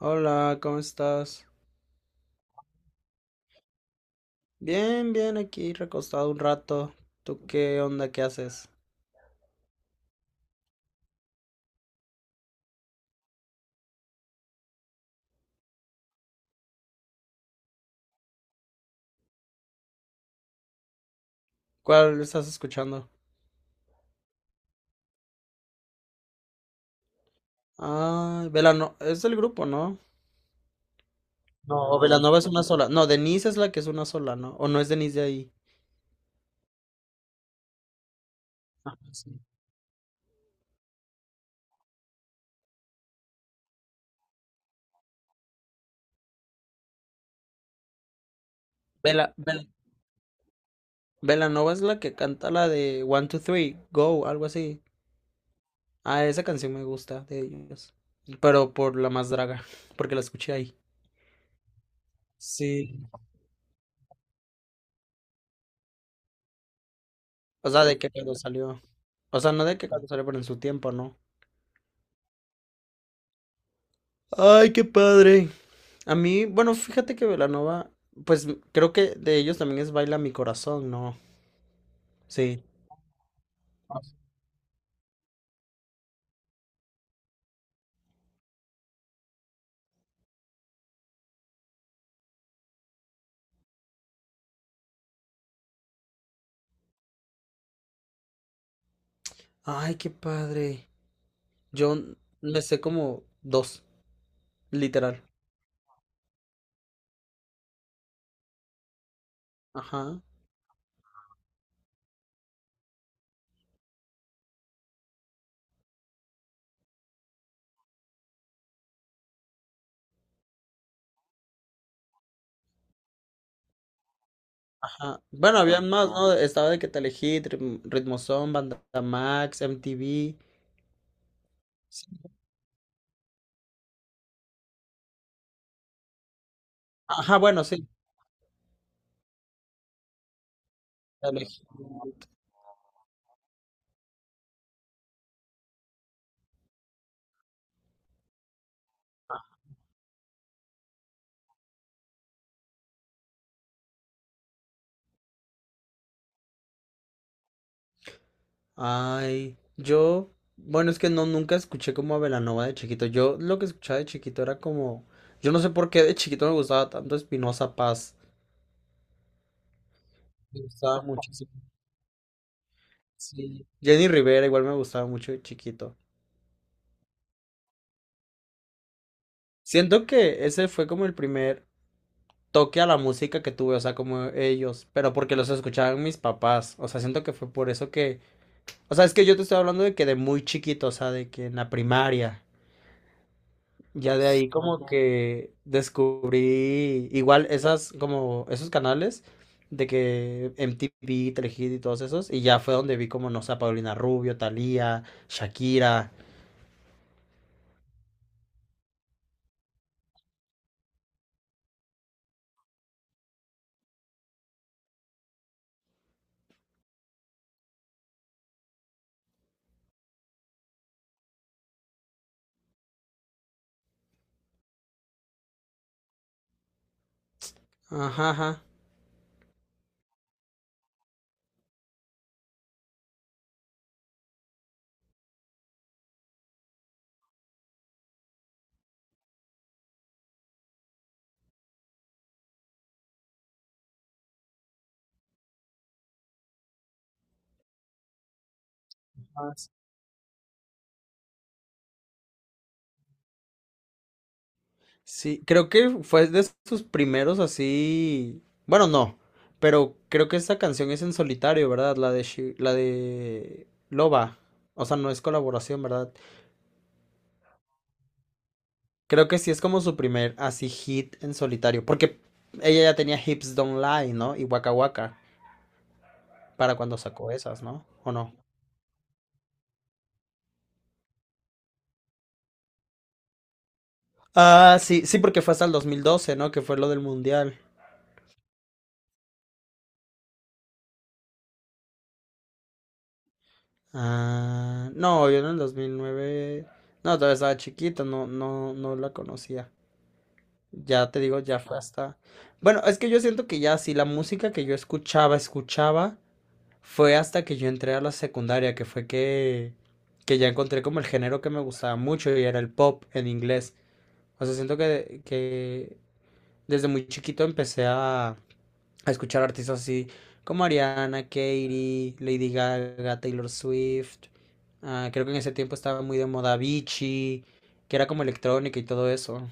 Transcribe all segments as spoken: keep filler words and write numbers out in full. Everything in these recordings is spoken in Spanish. Hola, ¿cómo estás? Bien, bien, aquí recostado un rato. ¿Tú qué onda? ¿Qué haces? ¿Cuál estás escuchando? Ah, Velano, es del grupo, ¿no? No, o Velanova es una sola. No, Denise es la que es una sola, ¿no? O no es Denise de ahí. Ah, sí. Vela, Vel- Velanova es la que canta la de One, Two, Three, Go, algo así. Ah, esa canción me gusta de ellos. Pero por la más draga, porque la escuché ahí. Sí. O sea, de que cuando salió. O sea, no de que cuando salió, pero en su tiempo, ¿no? Ay, qué padre. A mí, bueno, fíjate que Belanova, pues creo que de ellos también es Baila mi corazón, ¿no? Sí. Ay, qué padre. Yo me sé como dos, literal. Ajá, ajá. Bueno, había más, ¿no? Estaba de que te elegí, Ritmo Ritmozón, Banda Max, M T V. Sí. Ajá, bueno, sí. Te elegí. Ay, yo, bueno, es que no, nunca escuché como a Belanova de chiquito. Yo lo que escuchaba de chiquito era como, yo no sé por qué de chiquito me gustaba tanto Espinosa Paz. Me gustaba muchísimo. Sí. Jenny Rivera igual me gustaba mucho de chiquito. Siento que ese fue como el primer toque a la música que tuve, o sea, como ellos, pero porque los escuchaban mis papás. O sea, siento que fue por eso que, o sea, es que yo te estoy hablando de que de muy chiquito, o sea, de que en la primaria. Ya de ahí como que descubrí igual esas como esos canales de que M T V, Telehit y todos esos y ya fue donde vi como no sé a Paulina Rubio, Thalía, Shakira. Ajá, ajá. Más. Sí, creo que fue de sus primeros así, bueno, no, pero creo que esa canción es en solitario, ¿verdad? La de Shi- la de Loba. O sea, no es colaboración, ¿verdad? Creo que sí es como su primer así hit en solitario, porque ella ya tenía Hips Don't Lie, ¿no? Y Waka Waka para cuando sacó esas, ¿no? ¿O no? Ah, sí, sí, porque fue hasta el dos mil doce, ¿no? Que fue lo del mundial. Ah, no, yo en el dos mil nueve, no, todavía estaba chiquita, no, no, no la conocía. Ya te digo, ya fue hasta… Bueno, es que yo siento que ya sí, la música que yo escuchaba, escuchaba, fue hasta que yo entré a la secundaria, que fue que, que ya encontré como el género que me gustaba mucho y era el pop en inglés. O sea, siento que, que desde muy chiquito empecé a, a escuchar artistas así como Ariana, Katy, Lady Gaga, Taylor Swift. Ah, creo que en ese tiempo estaba muy de moda Avicii, que era como electrónica y todo eso.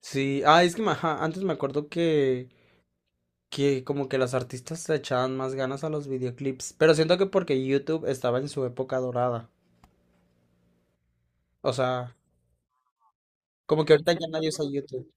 Sí, ah, es que me- ajá, antes me acuerdo que, que como que las artistas le echaban más ganas a los videoclips, pero siento que porque YouTube estaba en su época dorada. O sea, como que ahorita ya nadie usa YouTube.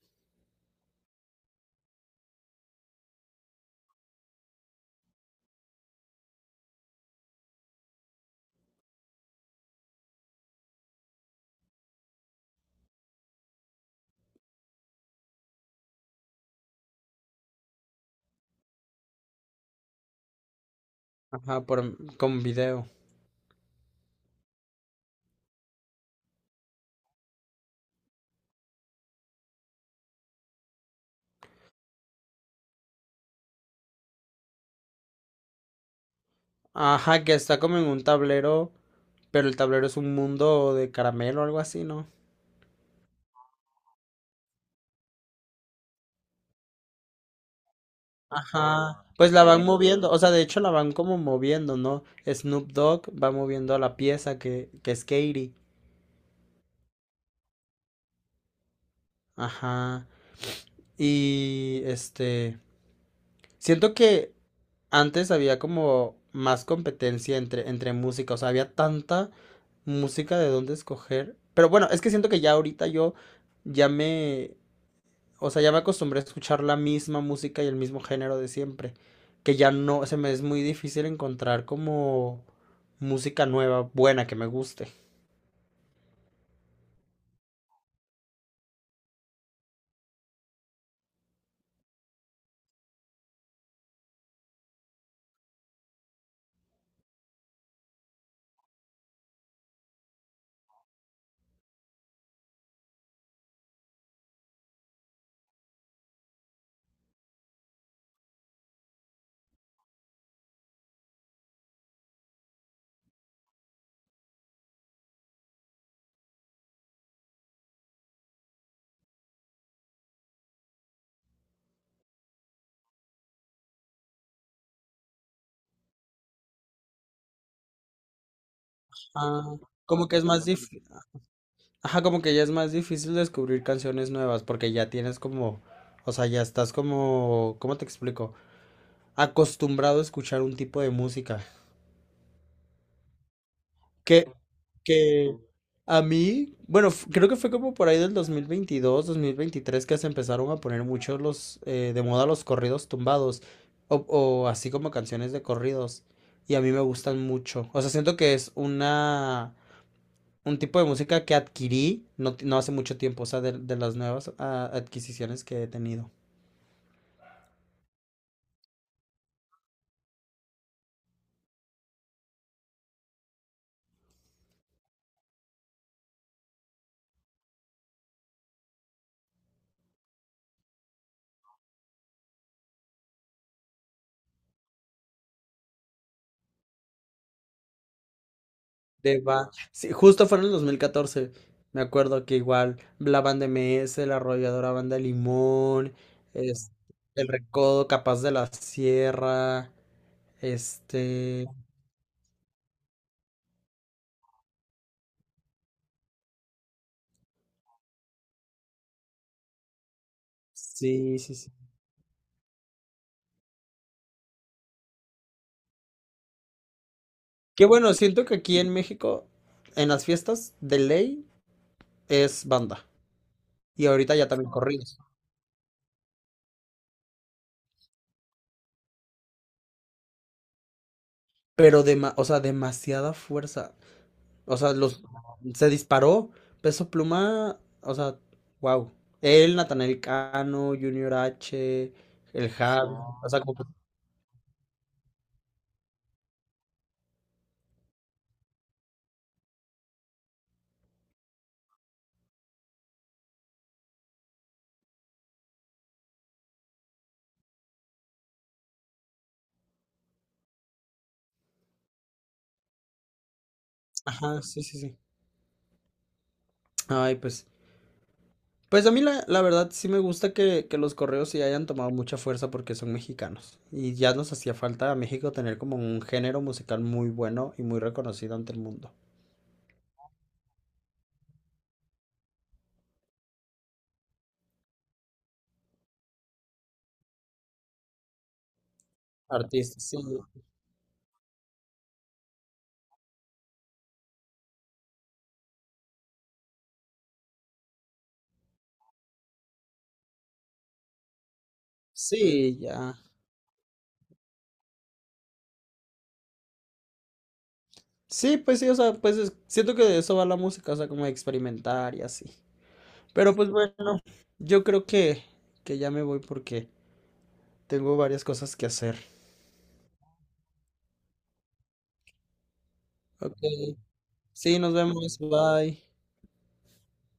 Ajá, por, con video. Ajá, que está como en un tablero, pero el tablero es un mundo de caramelo o algo así, ¿no? Ajá, pues la van moviendo, o sea, de hecho la van como moviendo, ¿no? Snoop Dogg va moviendo a la pieza que, que es Katie. Ajá. Y este, siento que antes había como más competencia entre, entre música, o sea, había tanta música de dónde escoger. Pero bueno, es que siento que ya ahorita yo ya me, o sea, ya me acostumbré a escuchar la misma música y el mismo género de siempre, que ya no, se me es muy difícil encontrar como música nueva, buena, que me guste. Ah, como que es más difícil, ajá, como que ya es más difícil descubrir canciones nuevas porque ya tienes como, o sea, ya estás como, ¿cómo te explico? Acostumbrado a escuchar un tipo de música que, que a mí, bueno, f- creo que fue como por ahí del dos dos mil veintidós dos mil veintitrés que se empezaron a poner muchos los, eh, de moda los corridos tumbados o, o así como canciones de corridos y a mí me gustan mucho. O sea, siento que es una, un tipo de música que adquirí no, ti- no hace mucho tiempo, o sea, de, de las nuevas ah, adquisiciones que he tenido. De va. Sí, justo fue en el dos mil catorce. Me acuerdo que igual la banda M S, la arrolladora banda Limón, es, el Recodo, Capaz de la Sierra, este… Sí, sí, sí. Que bueno, siento que aquí en México, en las fiestas de ley, es banda. Y ahorita ya también corridos. Pero, dema- o sea, demasiada fuerza. O sea, los se disparó. Peso Pluma, o sea, wow. Él, Natanael Cano, Junior H, el Javi. O sea, como que- ajá, sí, sí, sí. Ay, pues. Pues a mí la, la verdad sí me gusta que, que los correos sí hayan tomado mucha fuerza porque son mexicanos. Y ya nos hacía falta a México tener como un género musical muy bueno y muy reconocido ante el mundo. Artistas, sí. Sí, ya. Sí, pues sí, o sea, pues es- siento que de eso va la música, o sea, como experimentar y así. Pero pues bueno, yo creo que, que ya me voy porque tengo varias cosas que hacer. Ok, sí, nos vemos, bye.